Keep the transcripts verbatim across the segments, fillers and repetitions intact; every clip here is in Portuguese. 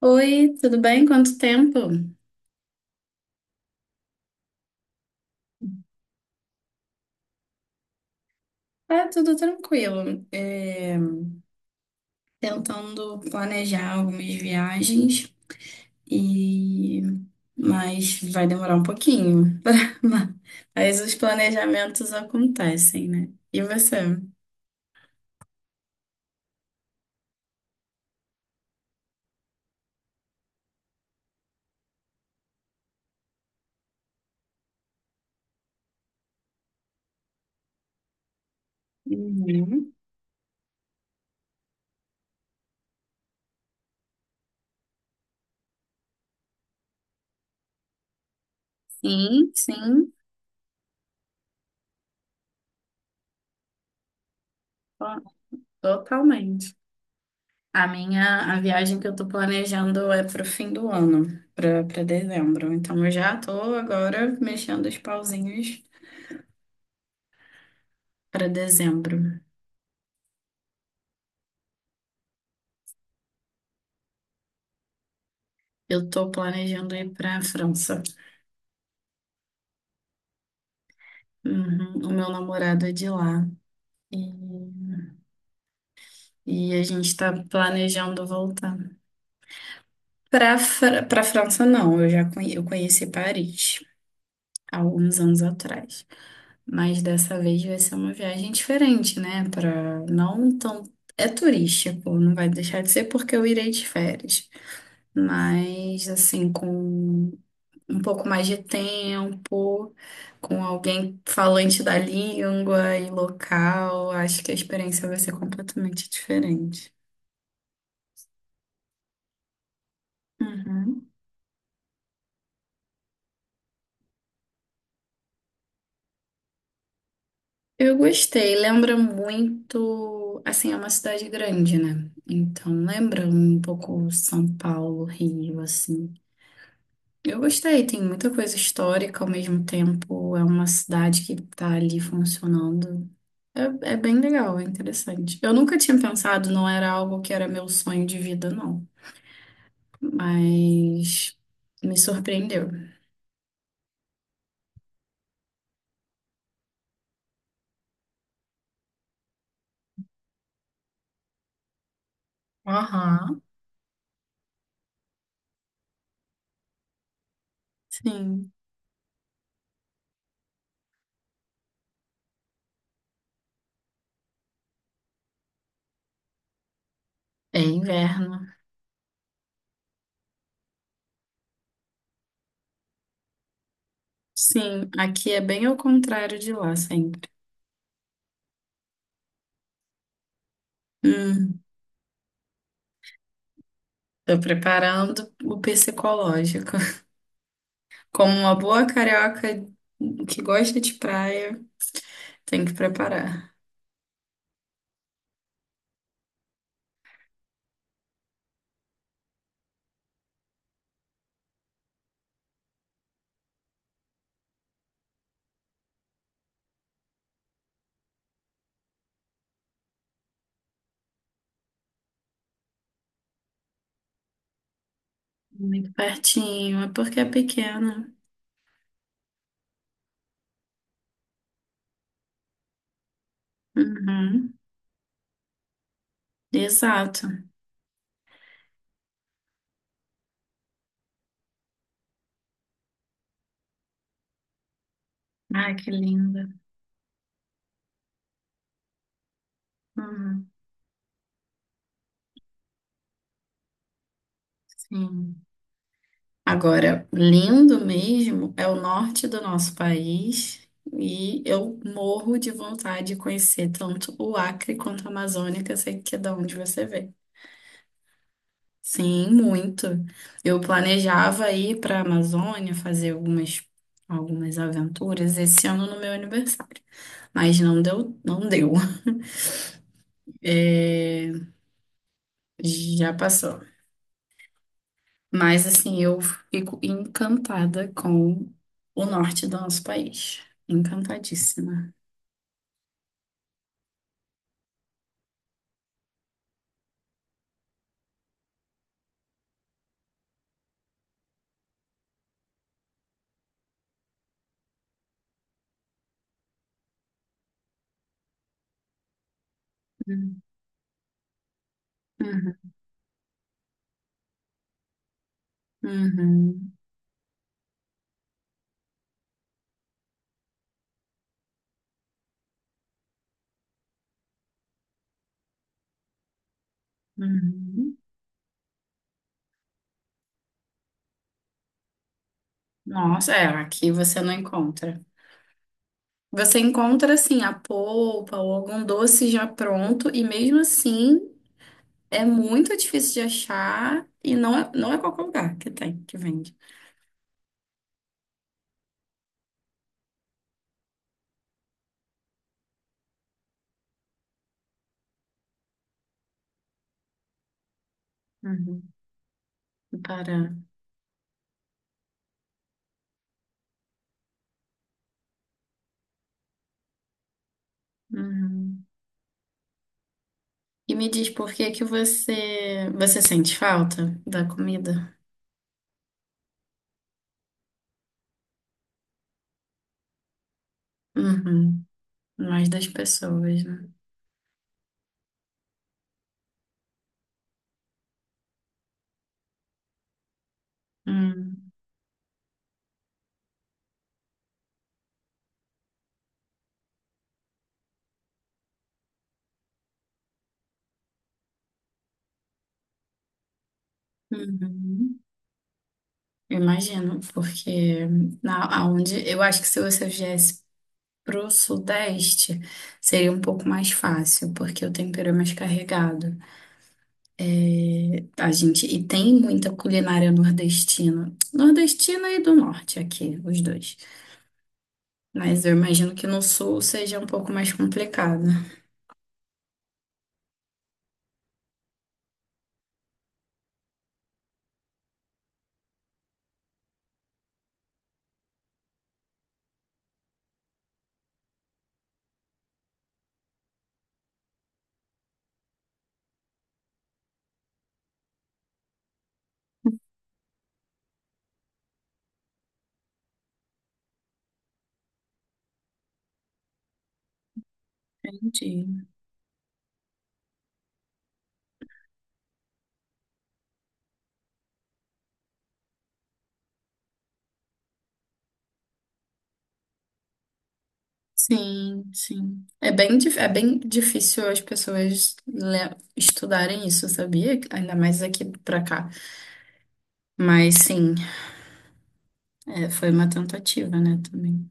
Oi, tudo bem? Quanto tempo? Ah, tudo tranquilo. É, tentando planejar algumas viagens e mas vai demorar um pouquinho. pra- Mas os planejamentos acontecem, né? E você? Uhum. Sim, sim, to- totalmente. A minha, a viagem que eu tô planejando é pro fim do ano, pra para dezembro. Então eu já tô agora mexendo os pauzinhos pra dezembro. Eu tô planejando ir para a França. Uhum, o meu namorado é de lá. E, e a gente tá planejando voltar. Para para pra França, não. Eu já conhe- eu conheci Paris há alguns anos atrás. Mas dessa vez vai ser uma viagem diferente, né? Para não tão. É turístico, não vai deixar de ser porque eu irei de férias. Mas, assim, com um pouco mais de tempo, com alguém falante da língua e local, acho que a experiência vai ser completamente diferente. Uhum. Eu gostei, lembra muito, assim, é uma cidade grande, né? Então lembra um pouco São Paulo, Rio, assim. Eu gostei, tem muita coisa histórica ao mesmo tempo, é uma cidade que tá ali funcionando. É, é bem legal, é interessante. Eu nunca tinha pensado, não era algo que era meu sonho de vida, não. Mas me surpreendeu. Aham, sim, é inverno. Sim, aqui é bem ao contrário de lá sempre. Hum, tô preparando o psicológico. Como uma boa carioca que gosta de praia, tem que preparar. Muito pertinho, é porque é pequena. Uhum, exato. Ai, que linda. Uhum. Sim. Agora, lindo mesmo é o norte do nosso país e eu morro de vontade de conhecer tanto o Acre quanto a Amazônia, que eu sei que é da onde você vem. Sim, muito. Eu planejava ir para a Amazônia fazer algumas, algumas aventuras esse ano no meu aniversário, mas não deu, não deu. É, já passou. Mas assim, eu fico encantada com o norte do nosso país. Encantadíssima. Uhum, uhum, uhum. Nossa, é, aqui você não encontra. Você encontra assim a polpa ou algum doce já pronto, e mesmo assim é muito difícil de achar e não é, não é qualquer lugar que tem, que vende. Uhum. No Pará. Uhum. E me diz por que que você, você sente falta da comida? Uhum. Mais das pessoas, né? Hum. Uhum. Imagino, porque na, aonde, eu acho que se você viesse pro Sudeste, seria um pouco mais fácil, porque o tempero é mais carregado. É, a gente, e tem muita culinária nordestina, nordestina e do Norte aqui, os dois. Mas eu imagino que no Sul seja um pouco mais complicado. Entendi. Sim, sim. É bem, dif- é bem difícil as pessoas le- estudarem isso, sabia? Ainda mais aqui pra cá. Mas sim, é, foi uma tentativa, né, também.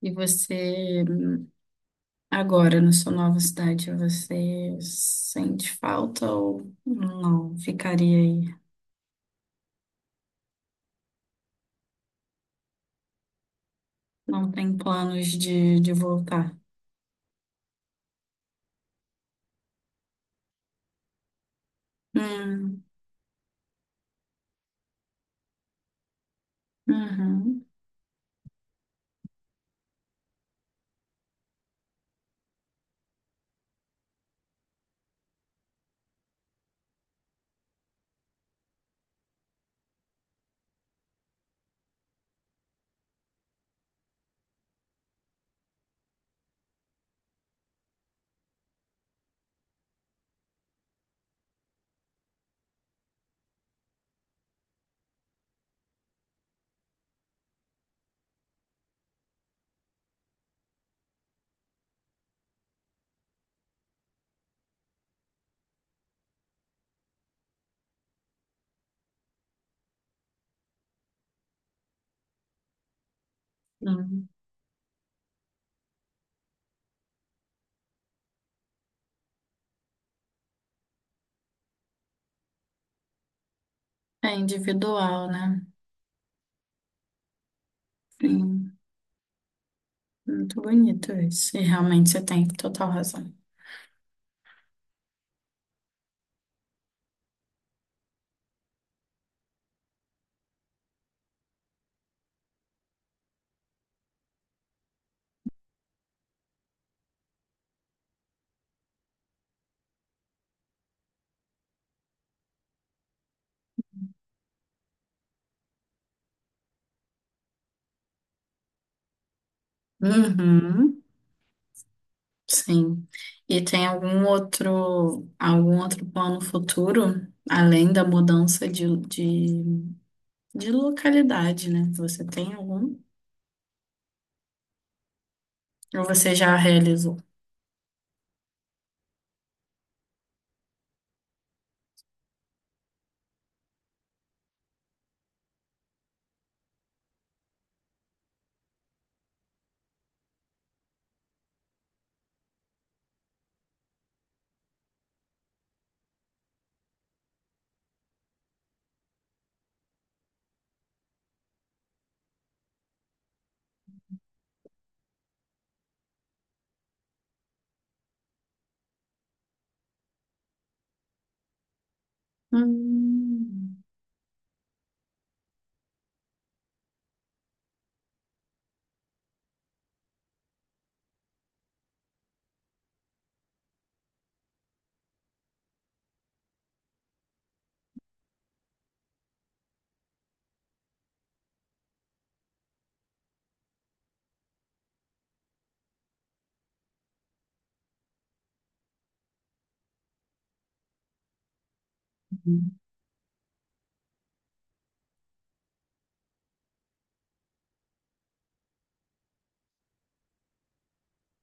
E você, hum, agora, na sua nova cidade, você sente falta ou não? Ficaria aí? Não tem planos de, de voltar? Hum, uhum, hum. É individual, né? Sim. Muito bonito isso. E realmente você tem total razão. Uhum, sim. E tem algum outro, algum outro plano futuro, além da mudança de, de, de localidade, né? Você tem algum? Ou você já realizou? Hum,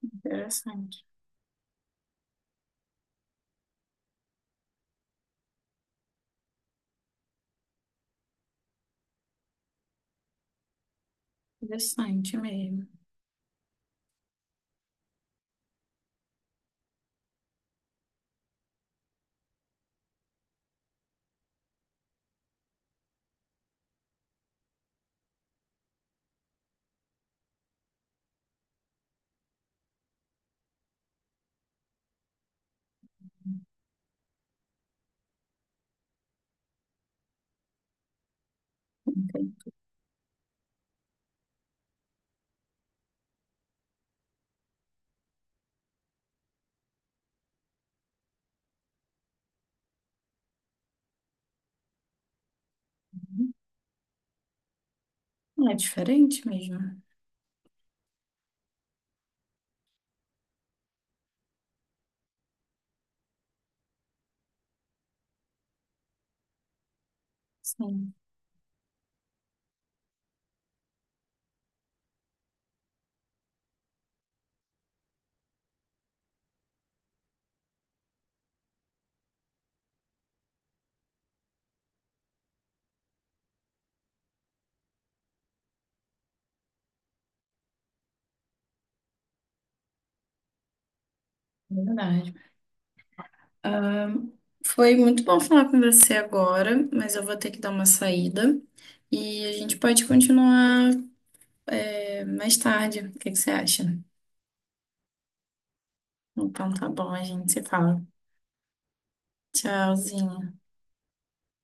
interessante. Interessante mesmo. Entendi. É diferente mesmo. Sim, verdade. Ahn, Foi muito bom falar com você agora, mas eu vou ter que dar uma saída e a gente pode continuar. É, mais tarde. O que que você acha? Então tá bom, a gente se fala. Tchauzinho.